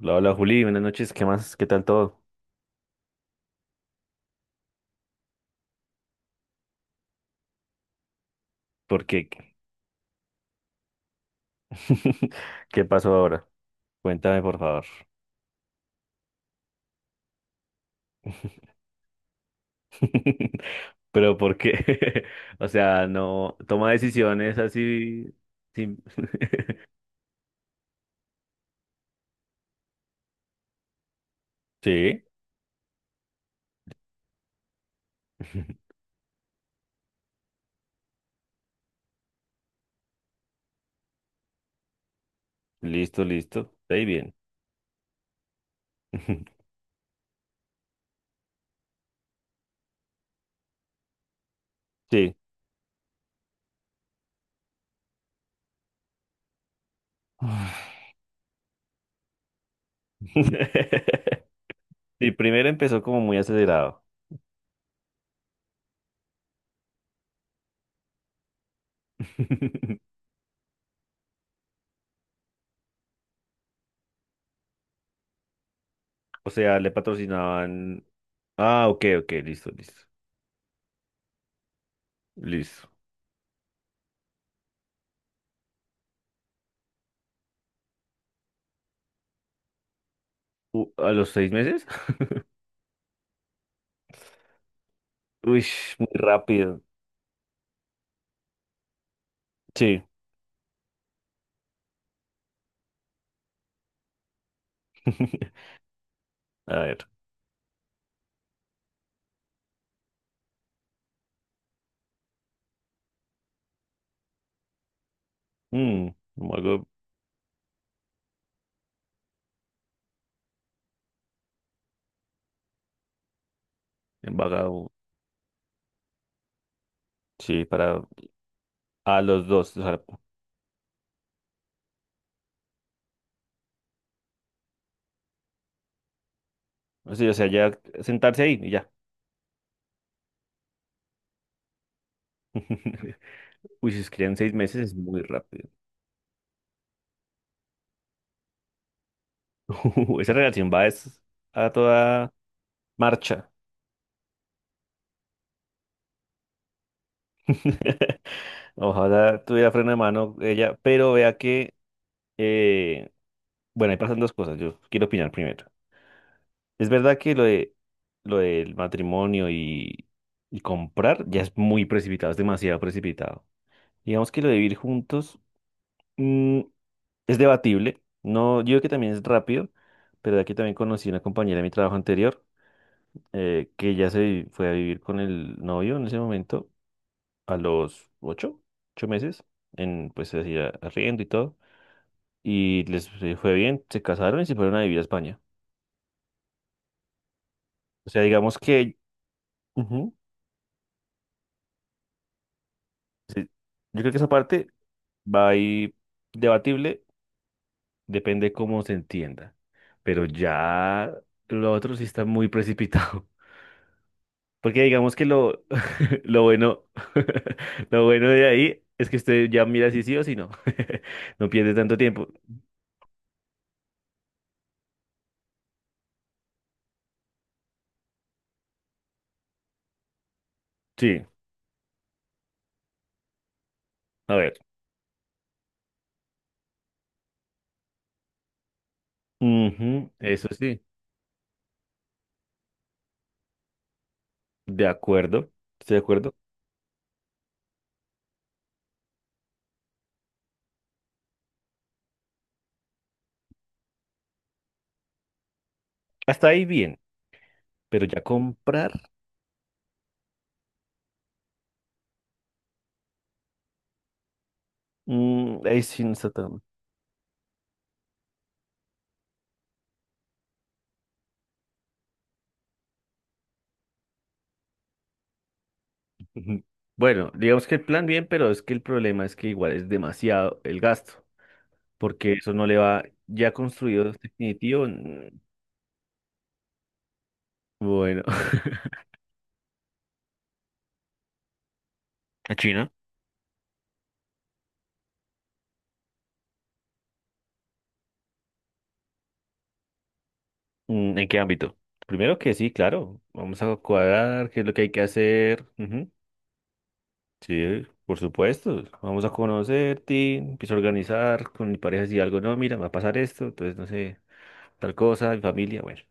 Hola, hola Juli, buenas noches, ¿qué más? ¿Qué tal todo? ¿Por qué? ¿Qué pasó ahora? Cuéntame, por favor. Pero ¿por qué? O sea, no toma decisiones así. sin- Sí. Listo, listo, ahí bien. Sí. Sí, primero empezó como muy acelerado. O sea, le patrocinaban. Ah, ok, ok, listo, listo, listo. ¿A los seis meses? Uy, muy rápido. Sí. A ver. Mm, como algo embagado. Sí, para a los dos. O sea, sí, o sea, ya sentarse ahí y ya. Uy, si escriben seis meses es muy rápido. Esa relación va es a toda marcha. Ojalá tuviera freno de mano ella, pero vea que, eh, bueno, ahí pasan dos cosas. Yo quiero opinar primero. Es verdad que lo de lo del matrimonio y comprar ya es muy precipitado, es demasiado precipitado. Digamos que lo de vivir juntos mm, es debatible. No, yo creo que también es rápido, pero de aquí también conocí una compañera de mi trabajo anterior que ya fue a vivir con el novio en ese momento a los ocho, ocho meses, en pues así arriendo y todo, y les fue bien, se casaron y se fueron a vivir a España. O sea, digamos que ujú, sí, yo creo que esa parte. Va ahí debatible, depende cómo se entienda. Pero ya lo otro sí está muy precipitado. Porque digamos que lo, lo bueno, lo bueno de ahí es que usted ya mira si sí o si no. No pierde tanto tiempo. Sí, a ver. Ujú, eso sí, de acuerdo. Estoy de acuerdo. Hasta ahí bien, pero ya comprar, mm, ahí sí no está tan. Bueno, digamos que el plan bien, pero es que el problema es que igual es demasiado el gasto. Porque eso no le va ya construido este definitivo. Mm. Bueno. ¿A China? Mm, ¿en qué ámbito? Primero que sí, claro, vamos a cuadrar qué es lo que hay que hacer. Ujú. Sí, por supuesto, vamos a conocerte, empiezo a organizar con mi pareja si algo no, mira, me va a pasar esto, entonces no sé, tal cosa, mi familia, bueno.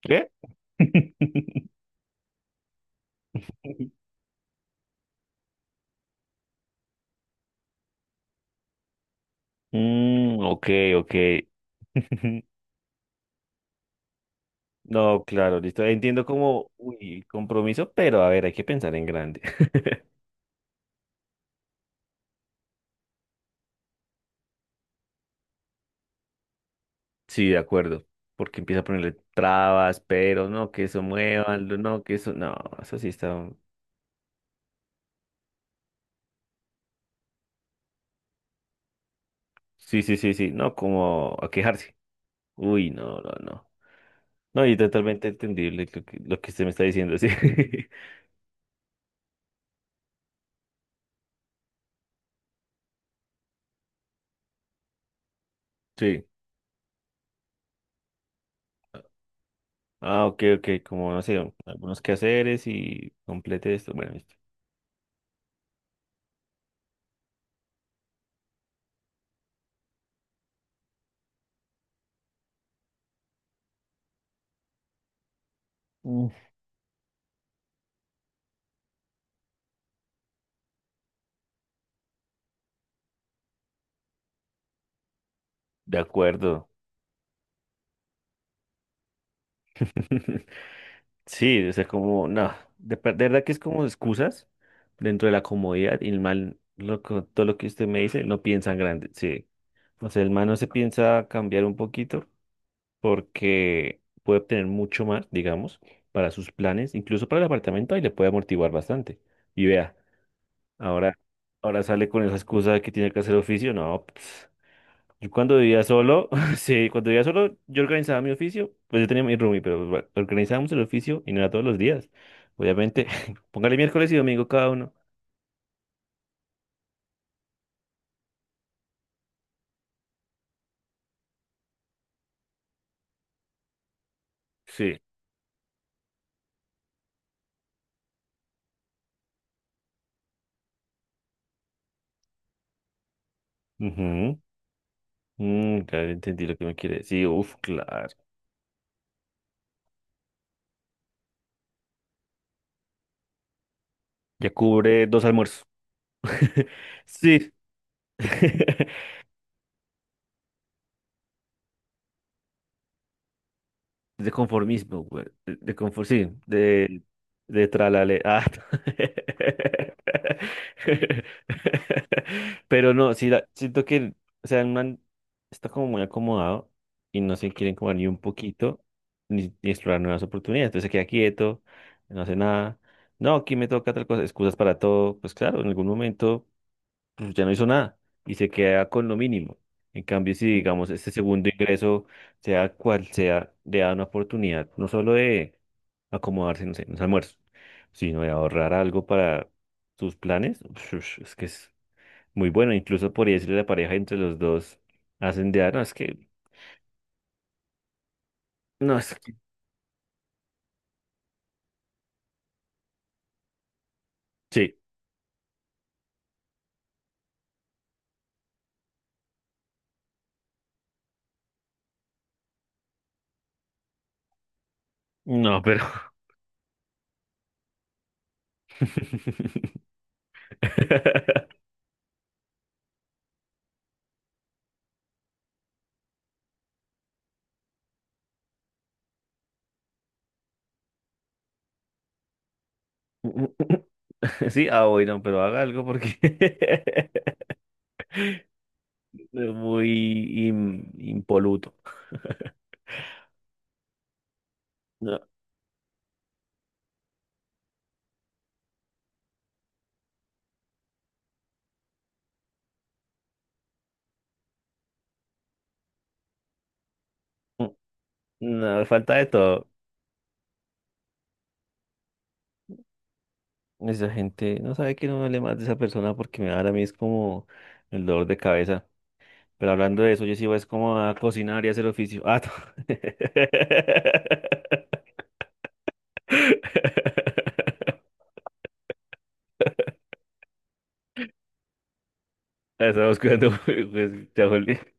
¿Qué? Mm, ok, ok. No, claro, listo. Entiendo como, uy, compromiso, pero a ver, hay que pensar en grande. Sí, de acuerdo. Porque empieza a ponerle trabas, pero no, que eso muevan, no, que eso, no, eso sí está. Sí, sí, sí, sí, no, como a quejarse. Uy, no, no, no. No, y totalmente entendible lo que usted me está diciendo, sí. Sí. Ah, ok, ok, como no sé, algunos quehaceres y complete esto. Bueno, listo. Mm. De acuerdo. Sí, o sea, como, no, de verdad que es como excusas dentro de la comodidad y el mal, todo lo que usted me dice, no piensa en grande, sí. O sea, el man no se piensa cambiar un poquito porque puede obtener mucho más, digamos, para sus planes, incluso para el apartamento, ahí le puede amortiguar bastante. Y vea, ahora, ahora sale con esa excusa de que tiene que hacer oficio, no, pues, yo cuando vivía solo, sí, cuando vivía solo, yo organizaba mi oficio, pues yo tenía mi roomie, pero bueno, organizábamos el oficio y no era todos los días. Obviamente, póngale miércoles y domingo cada uno. Sí. Ujú. Mm, claro, entendí lo que me quiere decir. Uf, claro. Ya cubre dos almuerzos. Sí. De conformismo, güey. De, Sí, de tralale. Ah. Pero no, sí, siento que, o sea, el man está como muy acomodado y no se quieren como ni un poquito ni, ni explorar nuevas oportunidades. Entonces se queda quieto, no hace nada. No, aquí me toca tal cosa, excusas para todo. Pues claro, en algún momento pues ya no hizo nada y se queda con lo mínimo. En cambio, si digamos este segundo ingreso, sea cual sea, le da una oportunidad no solo de acomodarse, no sé, en los almuerzos, sino de ahorrar algo para sus planes, es que es muy bueno. Incluso por decirle a la pareja entre los dos, hacen de, "Ah, no, es que, no, es que, sí, no, pero... Sí, ah, bueno, pero haga algo porque es muy impoluto. No. Mm. No, falta de todo. Esa gente no sabe que no hable más de esa persona porque me da ahora a mí es como el dolor de cabeza. Pero hablando de eso, yo sí voy es como a cocinar y hacer oficio. Ah, no. Estamos cuidando, pues, ya, Juli.